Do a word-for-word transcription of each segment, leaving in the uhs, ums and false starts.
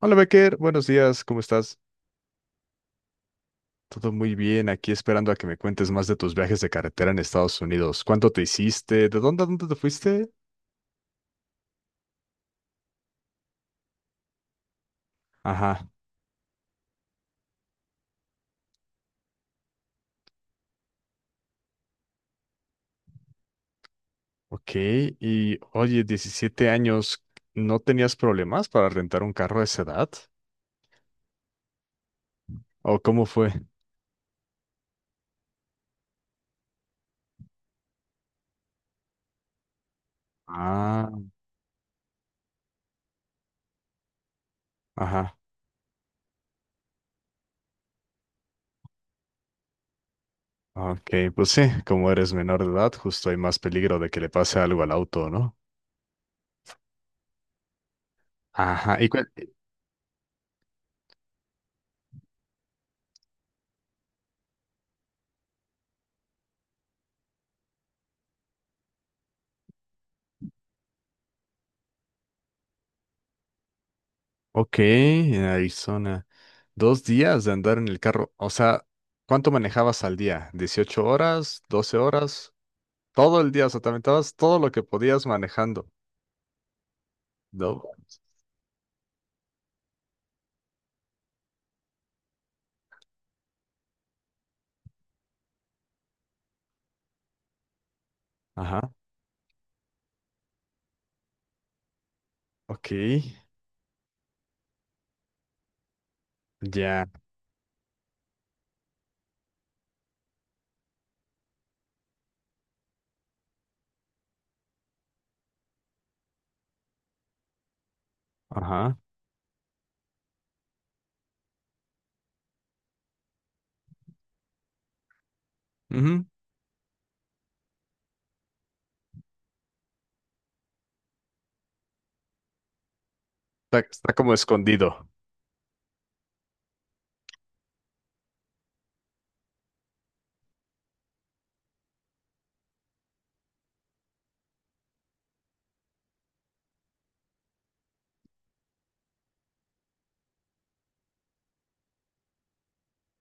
Hola Becker, buenos días, ¿cómo estás? Todo muy bien, aquí esperando a que me cuentes más de tus viajes de carretera en Estados Unidos. ¿Cuánto te hiciste? ¿De dónde a dónde te fuiste? Ajá, ok. Y oye, diecisiete años, ¿no tenías problemas para rentar un carro a esa edad? ¿O cómo fue? Ah, ajá, ok, pues sí, como eres menor de edad, justo hay más peligro de que le pase algo al auto, ¿no? Ajá, y cuen- ok, en Arizona. Dos días de andar en el carro. O sea, ¿cuánto manejabas al día? ¿Dieciocho horas? ¿Doce horas? Todo el día, o sea, te aventabas todo lo que podías manejando. No. Ajá. Ok. Ya. Ajá, ujú. Está, está como escondido.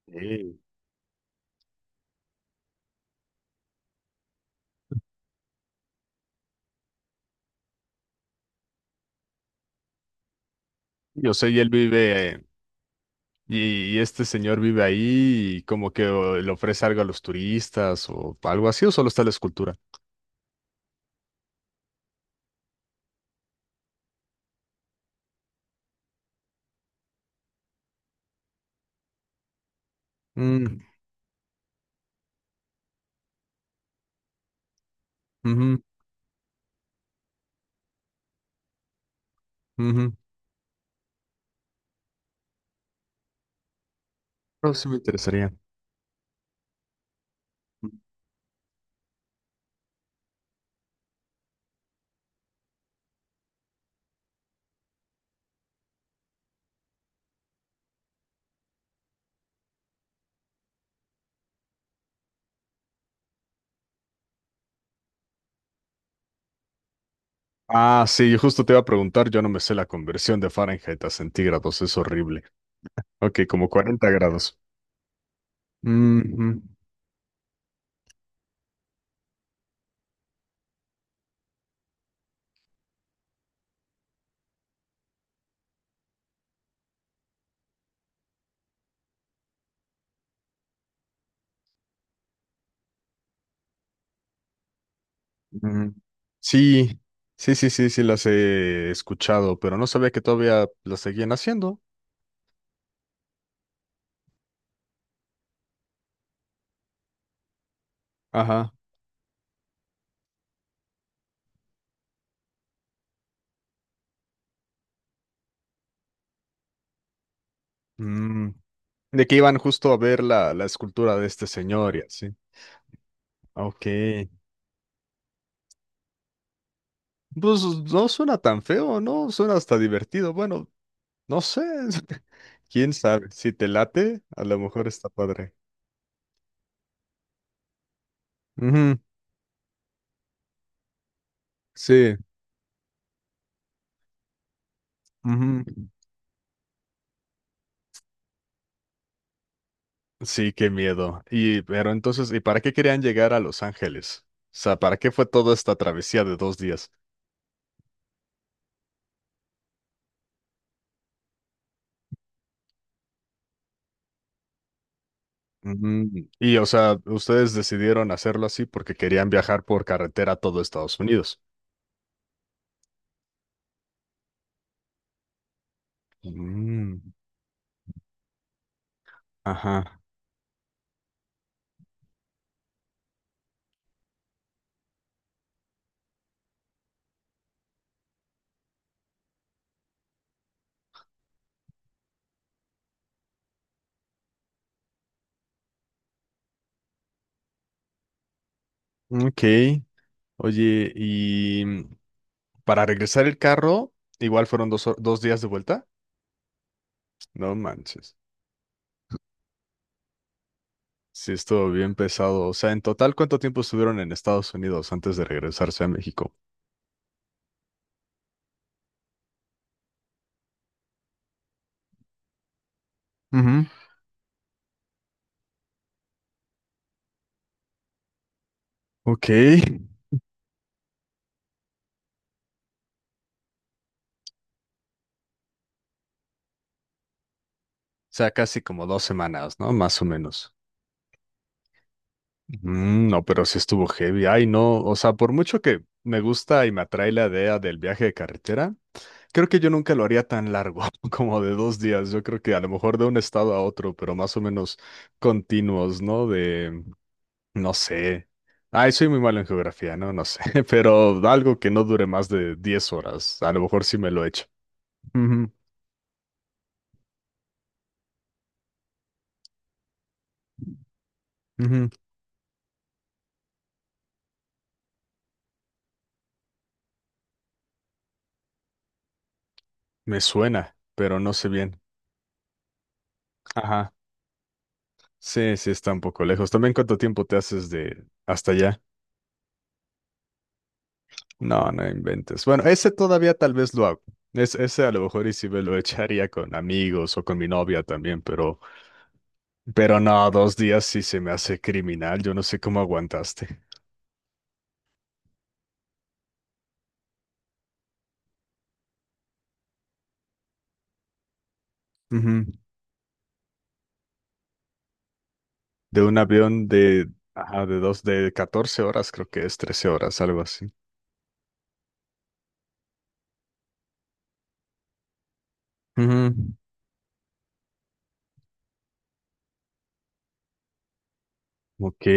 Sí. Yo sé, y él vive, y, y este señor vive ahí y como que o le ofrece algo a los turistas o algo así, o solo está la escultura. Mm, ujú, ujú. Pero sí me interesaría. Ah, sí, yo justo te iba a preguntar, yo no me sé la conversión de Fahrenheit a centígrados, es horrible. Ok, como cuarenta grados. Mm, mm, mm. Sí, sí, sí, sí, sí, las he escuchado, pero no sabía que todavía las seguían haciendo. Ajá. Mm. De que iban justo a ver la, la escultura de este señor y así. Ok. Pues no suena tan feo, ¿no? Suena hasta divertido. Bueno, no sé. ¿Quién sabe? Si te late, a lo mejor está padre. Ujú. Sí. Ujú. Sí, qué miedo. Y pero entonces, ¿y para qué querían llegar a Los Ángeles? O sea, ¿para qué fue toda esta travesía de dos días? Ujú. Y, o sea, ustedes decidieron hacerlo así porque querían viajar por carretera a todo Estados Unidos. Mm, ajá. Ok. Oye, y mm, para regresar el carro, igual fueron dos, ho- dos días de vuelta. No manches. Sí, estuvo bien pesado. O sea, en total, ¿cuánto tiempo estuvieron en Estados Unidos antes de regresarse a México? Ujú. Ok. Sea, casi como dos semanas, ¿no? Más o menos. Mm, no, pero sí estuvo heavy. Ay, no, o sea, por mucho que me gusta y me atrae la idea del viaje de carretera, creo que yo nunca lo haría tan largo, como de dos días. Yo creo que a lo mejor de un estado a otro, pero más o menos continuos, ¿no? De, no sé. Ay, soy muy malo en geografía, ¿no? No sé, pero algo que no dure más de diez horas. A lo mejor sí me lo he hecho. Ujú, ujú. Me suena, pero no sé bien. Sí, sí, está un poco lejos. También cuánto tiempo te haces de hasta allá. No, no inventes. Bueno, ese todavía tal vez lo hago. Es, ese a lo mejor y sí me lo echaría con amigos o con mi novia también, pero, pero no, dos días sí se me hace criminal. Yo no sé cómo aguantaste. Ujú. De un avión de, ajá, de dos, de catorce horas, creo que es trece horas, algo así. Ujú. Ok.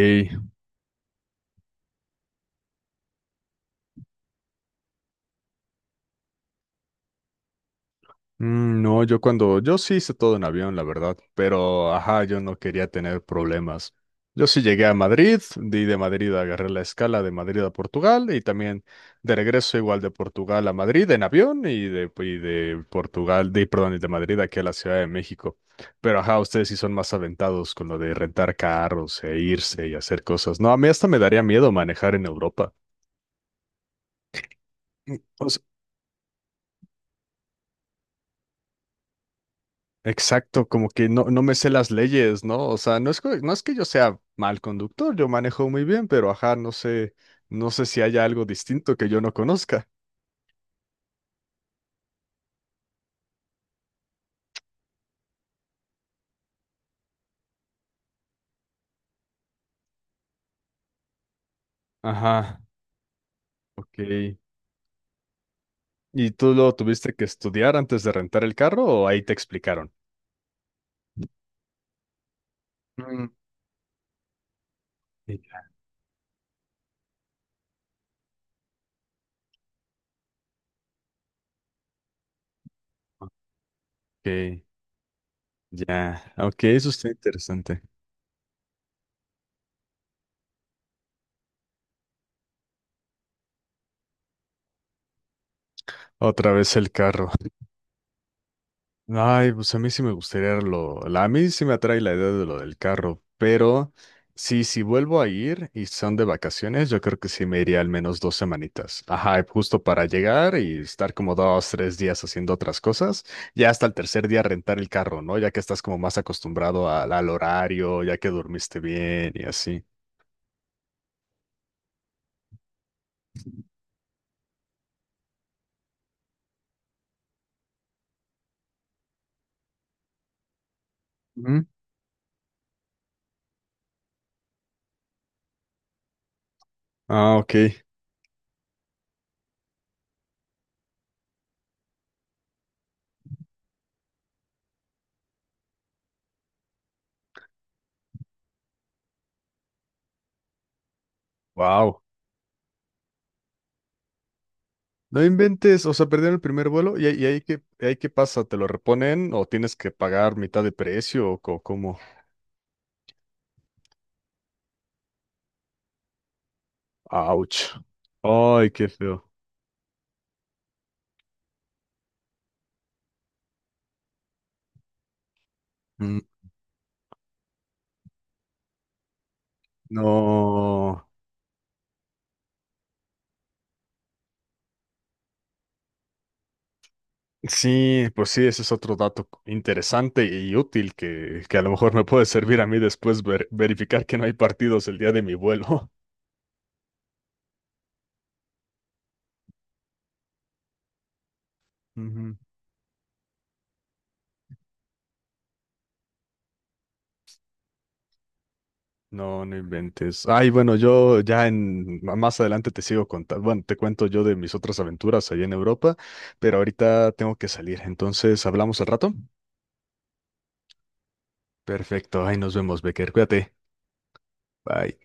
Mm, No, yo cuando, yo sí hice todo en avión, la verdad, pero ajá, yo no quería tener problemas. Yo sí llegué a Madrid, di de Madrid agarré la escala de Madrid a Portugal y también de regreso igual de Portugal a Madrid en avión y de, y de Portugal, de, perdón, y de Madrid aquí a la Ciudad de México. Pero ajá, ustedes sí son más aventados con lo de rentar carros e irse y hacer cosas. No, a mí hasta me daría miedo manejar en Europa. Mm, O Exacto, como que no, no me sé las leyes, ¿no? O sea, no es, que- no es que yo sea mal conductor, yo manejo muy bien, pero ajá, no sé, no sé si haya algo distinto que yo no conozca. Ajá, ok. ¿Y tú lo tuviste que estudiar antes de rentar el carro o ahí te explicaron? Mm. Sí, ok, ya, ok, eso está interesante. Otra vez el carro. Ay, pues a mí sí me gustaría lo, la- a mí sí me atrae la idea de lo del carro, pero sí, si vuelvo a ir y son de vacaciones, yo creo que sí me iría al menos dos semanitas. Ajá, justo para llegar y estar como dos, tres días haciendo otras cosas, ya hasta el tercer día rentar el carro, ¿no? Ya que estás como más acostumbrado al, al horario, ya que dormiste bien y así. Ujú. Ah, ok. Wow. No inventes, o sea, perdieron el primer vuelo y, ahí- y ahí qué, y ahí qué pasa, ¿te lo reponen o tienes que pagar mitad de precio o co- cómo? Ouch. Ay, qué feo. Mm, no. Sí, pues sí, ese es otro dato interesante y útil que, que a lo mejor me puede servir a mí después ver- verificar que no hay partidos el día de mi vuelo. Ujú. No, no inventes. Ay, bueno, yo ya en ma- más adelante te sigo contando. Bueno, te cuento yo de mis otras aventuras allá en Europa, pero ahorita tengo que salir. Entonces, ¿hablamos al rato? Perfecto. Ay, nos vemos, Becker. Cuídate. Bye.